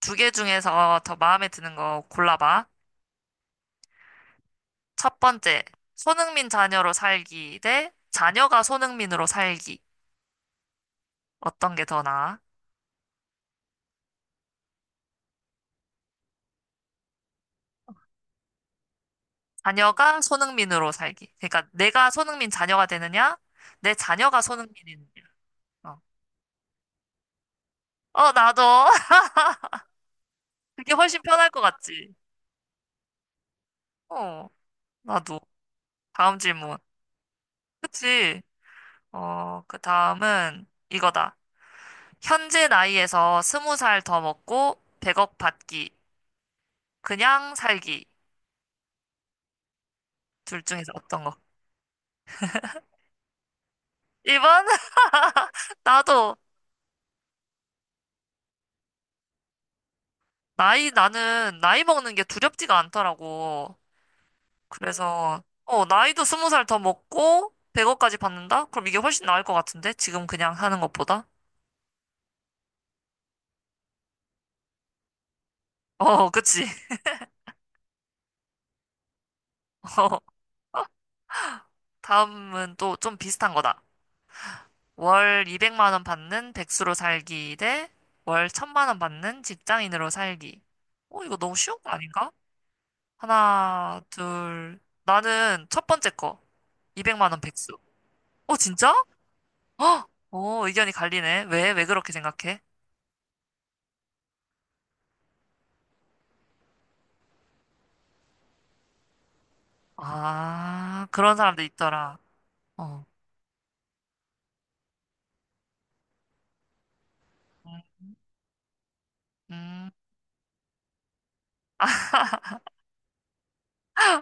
두 개 중에서 더 마음에 드는 거 골라봐. 첫 번째, 손흥민 자녀로 살기 대 자녀가 손흥민으로 살기. 어떤 게 더 나아? 자녀가 손흥민으로 살기. 그러니까 내가 손흥민 자녀가 되느냐? 내 자녀가 손흥민이 되느냐? 어, 어, 나도. 그게 훨씬 편할 것 같지? 어, 나도. 다음 질문. 그치? 어, 그 다음은 이거다. 현재 나이에서 스무 살 더 먹고 100억 받기. 그냥 살기. 둘 중에서 어떤 거? 1번? 나도, 나는 나이 먹는 게 두렵지가 않더라고. 그래서, 어, 나이도 스무 살 더 먹고, 100억까지 받는다? 그럼 이게 훨씬 나을 것 같은데? 지금 그냥 하는 것보다? 어, 그치. 어, 다음은 또 좀 비슷한 거다. 월 200만 원 받는 백수로 살기 대 월 1,000만 원 받는 직장인으로 살기. 어, 이거 너무 쉬운 거 아닌가? 하나, 둘. 나는 첫 번째 거. 200만 원 백수. 어, 진짜? 헉! 어, 의견이 갈리네. 왜 그렇게 생각해? 아, 그런 사람들 있더라. 어, 음, 음.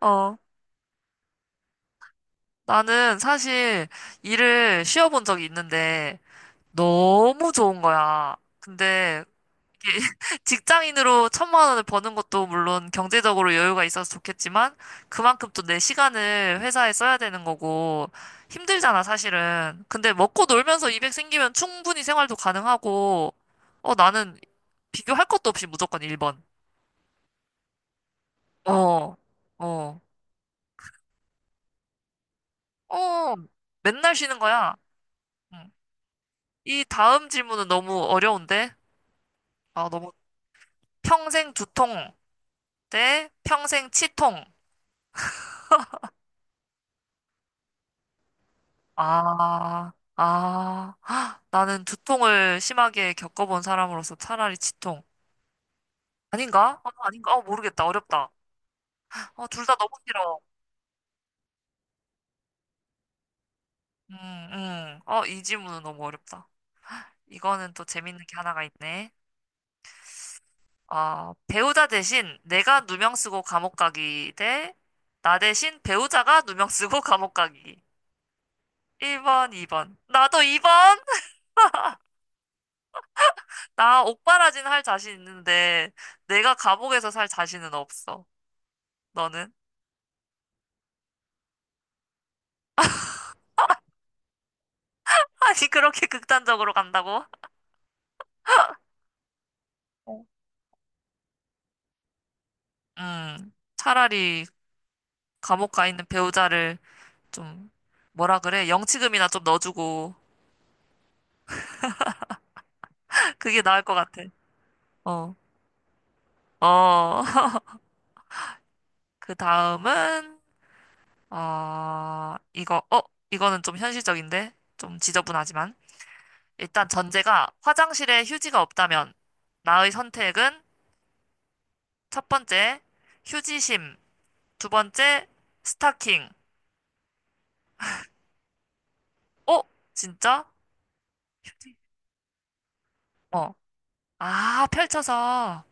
어. 나는 사실 일을 쉬어본 적이 있는데 너무 좋은 거야. 근데 직장인으로 1,000만 원을 버는 것도 물론 경제적으로 여유가 있어서 좋겠지만 그만큼 또 내 시간을 회사에 써야 되는 거고 힘들잖아, 사실은. 근데 먹고 놀면서 200 생기면 충분히 생활도 가능하고 어, 나는 비교할 것도 없이 무조건 1번. 어, 어, 어, 맨날 쉬는 거야. 응. 이 다음 질문은 너무 어려운데? 아, 너무 평생 두통 대 평생 치통. 아, 아, 헉, 나는 두통을 심하게 겪어본 사람으로서 차라리 치통. 아닌가? 아, 아닌가? 아, 모르겠다. 어렵다. 어, 둘 다 너무 싫어. 음, 어, 이 질문은 너무 어렵다. 이거는 또 재밌는 게 하나가 있네. 아, 배우자 대신 내가 누명 쓰고 감옥 가기 대 나 대신 배우자가 누명 쓰고 감옥 가기. 1번, 2번. 나도 2번? 나 옥바라진 할 자신 있는데 내가 감옥에서 살 자신은 없어. 너는? 아니, 그렇게 극단적으로 간다고? 어, 차라리 감옥 가 있는 배우자를 좀, 뭐라 그래? 영치금이나 좀 넣어주고, 그게 나을 것 같아. 어, 어. 그 다음은, 어, 이거는 좀 현실적인데? 좀 지저분하지만. 일단 전제가 화장실에 휴지가 없다면, 나의 선택은 첫 번째, 휴지심. 두 번째, 스타킹. 어? 진짜? 휴지? 어. 아, 펼쳐서.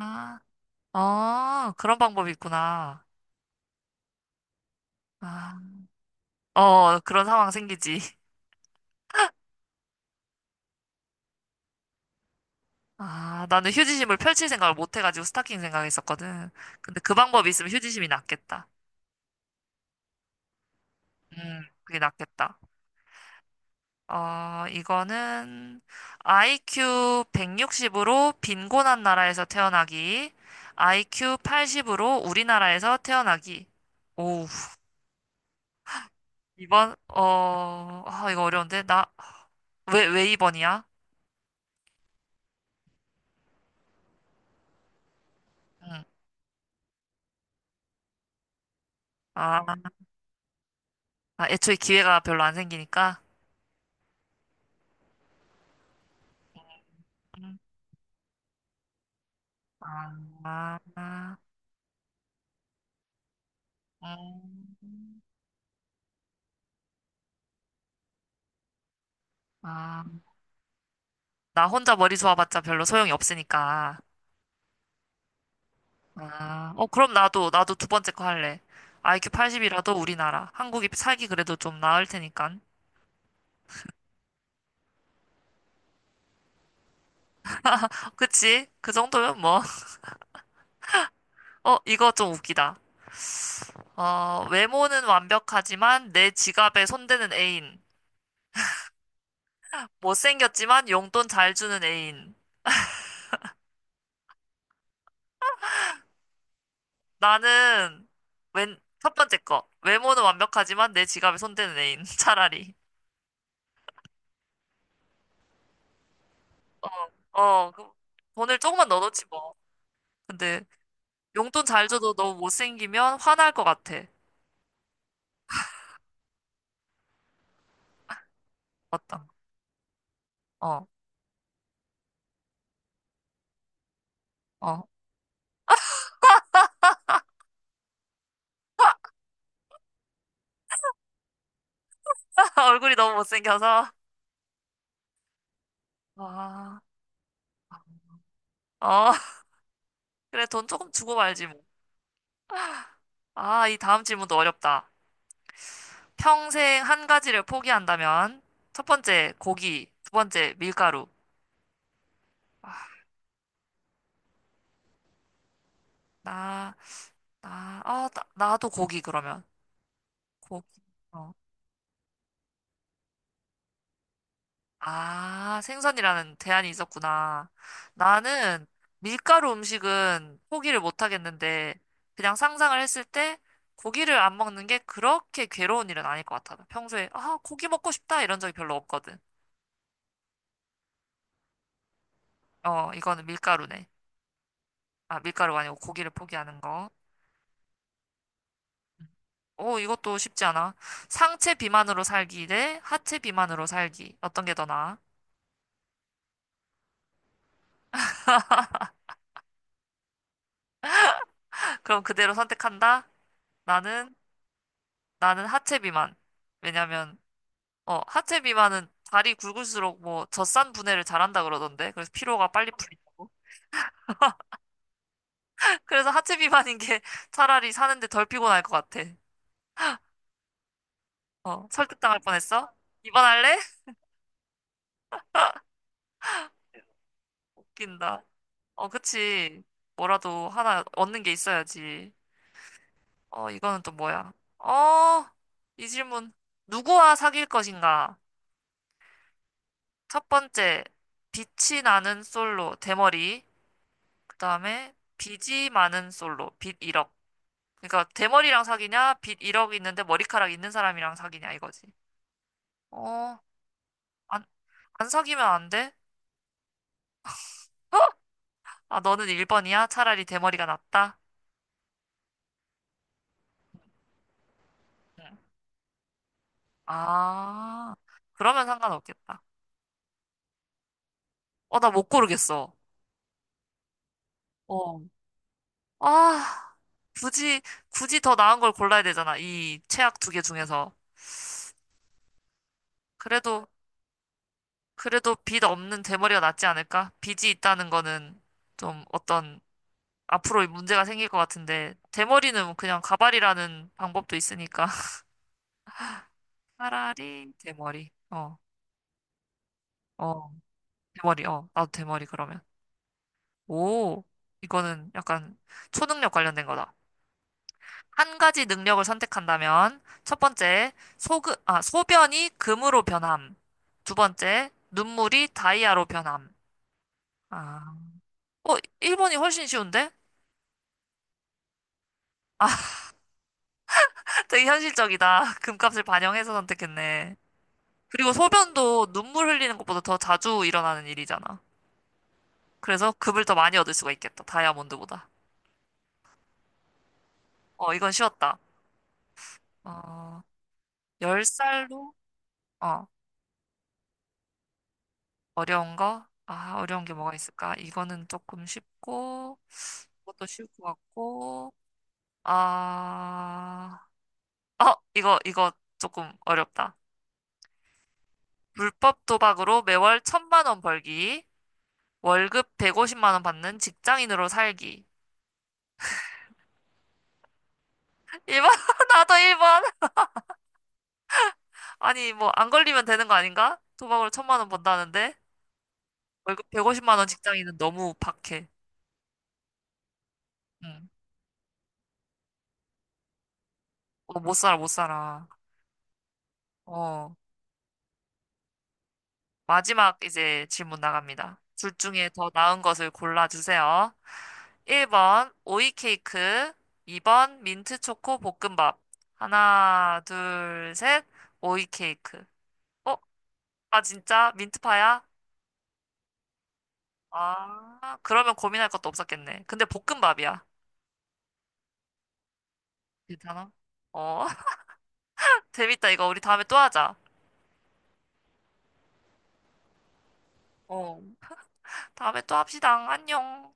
아, 어, 그런 방법이 있구나. 아, 어, 그런 상황 생기지. 아, 나는 휴지심을 펼칠 생각을 못 해가지고 스타킹 생각했었거든. 근데 그 방법이 있으면 휴지심이 낫겠다. 그게 낫겠다. 어, 이거는 IQ 160으로 빈곤한 나라에서 태어나기, IQ 80으로 우리나라에서 태어나기. 오, 이번 어, 아, 이거 어려운데? 왜 2번이야? 아, 아, 애초에 기회가 별로 안 생기니까? 음. 아, 아, 음, 아, 나 혼자 머리 좋아봤자 별로 소용이 없으니까. 아, 어, 그럼 나도 두 번째 거 할래. IQ 80이라도 우리나라. 한국이 살기 그래도 좀 나을 테니까. 그치? 그 정도면 뭐. 어, 이거 좀 웃기다. 어, 외모는 완벽하지만 내 지갑에 손대는 애인. 못생겼지만 용돈 잘 주는 애인. 나는 첫 번째 거. 외모는 완벽하지만 내 지갑에 손대는 애인. 차라리. 어, 그, 돈을 조금만 넣어놓지 뭐. 근데 용돈 잘 줘도 너무 못생기면 화날 것 같아. 어떤? 어, 어. 얼굴이 너무 못생겨서. 아, 어. 그래, 돈 조금 주고 말지 뭐. 아, 이 다음 질문도 어렵다. 평생 한 가지를 포기한다면 첫 번째 고기, 두 번째 밀가루. 아, 나, 나도 고기 그러면. 고기. 어. 아, 생선이라는 대안이 있었구나. 나는 밀가루 음식은 포기를 못 하겠는데, 그냥 상상을 했을 때 고기를 안 먹는 게 그렇게 괴로운 일은 아닐 것 같아. 평소에, 아, 고기 먹고 싶다 이런 적이 별로 없거든. 어, 이거는 밀가루네. 아, 밀가루가 아니고 고기를 포기하는 거. 오, 이것도 쉽지 않아. 상체 비만으로 살기 대 하체 비만으로 살기. 어떤 게 더 나아? 그럼 그대로 선택한다? 나는, 나는 하체 비만. 왜냐면, 어, 하체 비만은 다리 굵을수록 뭐 젖산 분해를 잘한다 그러던데. 그래서 피로가 빨리 풀리고. 그래서 하체 비만인 게 차라리 사는데 덜 피곤할 것 같아. 어, 설득당할 뻔했어? 입원할래? 웃긴다. 어, 그치. 뭐라도 하나 얻는 게 있어야지. 어, 이거는 또 뭐야? 어, 이 질문. 누구와 사귈 것인가? 첫 번째, 빛이 나는 솔로, 대머리. 그 다음에, 빚이 많은 솔로, 빚 1억. 그러니까 대머리랑 사귀냐? 빚 1억 있는데 머리카락 있는 사람이랑 사귀냐 이거지. 어, 안, 안 사귀면 안 돼? 아, 너는 1번이야? 차라리 대머리가 낫다? 응. 아, 그러면 상관없겠다. 어, 나 못 고르겠어. 어. 아, 굳이, 굳이 더 나은 걸 골라야 되잖아. 이 최악 두 개 중에서. 그래도, 그래도 빚 없는 대머리가 낫지 않을까? 빚이 있다는 거는 좀 어떤 앞으로 문제가 생길 것 같은데, 대머리는 그냥 가발이라는 방법도 있으니까. 차라리 대머리. 어, 어, 대머리. 어, 나도 대머리 그러면. 오, 이거는 약간 초능력 관련된 거다. 한 가지 능력을 선택한다면 첫 번째, 소변이 금으로 변함. 두 번째, 눈물이 다이아로 변함. 아, 어, 1번이 훨씬 쉬운데? 아, 되게 현실적이다. 금값을 반영해서 선택했네. 그리고 소변도 눈물 흘리는 것보다 더 자주 일어나는 일이잖아. 그래서 급을 더 많이 얻을 수가 있겠다. 다이아몬드보다. 어, 이건 쉬웠다. 어, 10살로? 어, 어려운 거? 아, 어려운 게 뭐가 있을까? 이거는 조금 쉽고, 이것도 쉬울 것 같고, 아, 어, 이거 조금 어렵다. 불법 도박으로 매월 1,000만 원 벌기, 월급 150만 원 받는 직장인으로 살기. 1번, 나도 1번. 아니, 뭐, 안 걸리면 되는 거 아닌가? 도박으로 1,000만 원 번다는데? 월급 150만 원 직장인은 너무 박해. 응. 어, 못 살아, 못 살아. 어. 마지막 이제 질문 나갑니다. 둘 중에 더 나은 것을 골라주세요. 1번 오이 케이크, 2번 민트 초코 볶음밥. 하나, 둘, 셋. 오이 케이크. 어? 아, 진짜? 민트파야? 아, 그러면 고민할 것도 없었겠네. 근데 볶음밥이야. 괜찮아? 어, 재밌다. 이거 우리 다음에 또 하자. 어. 다음에 또 합시다. 안녕.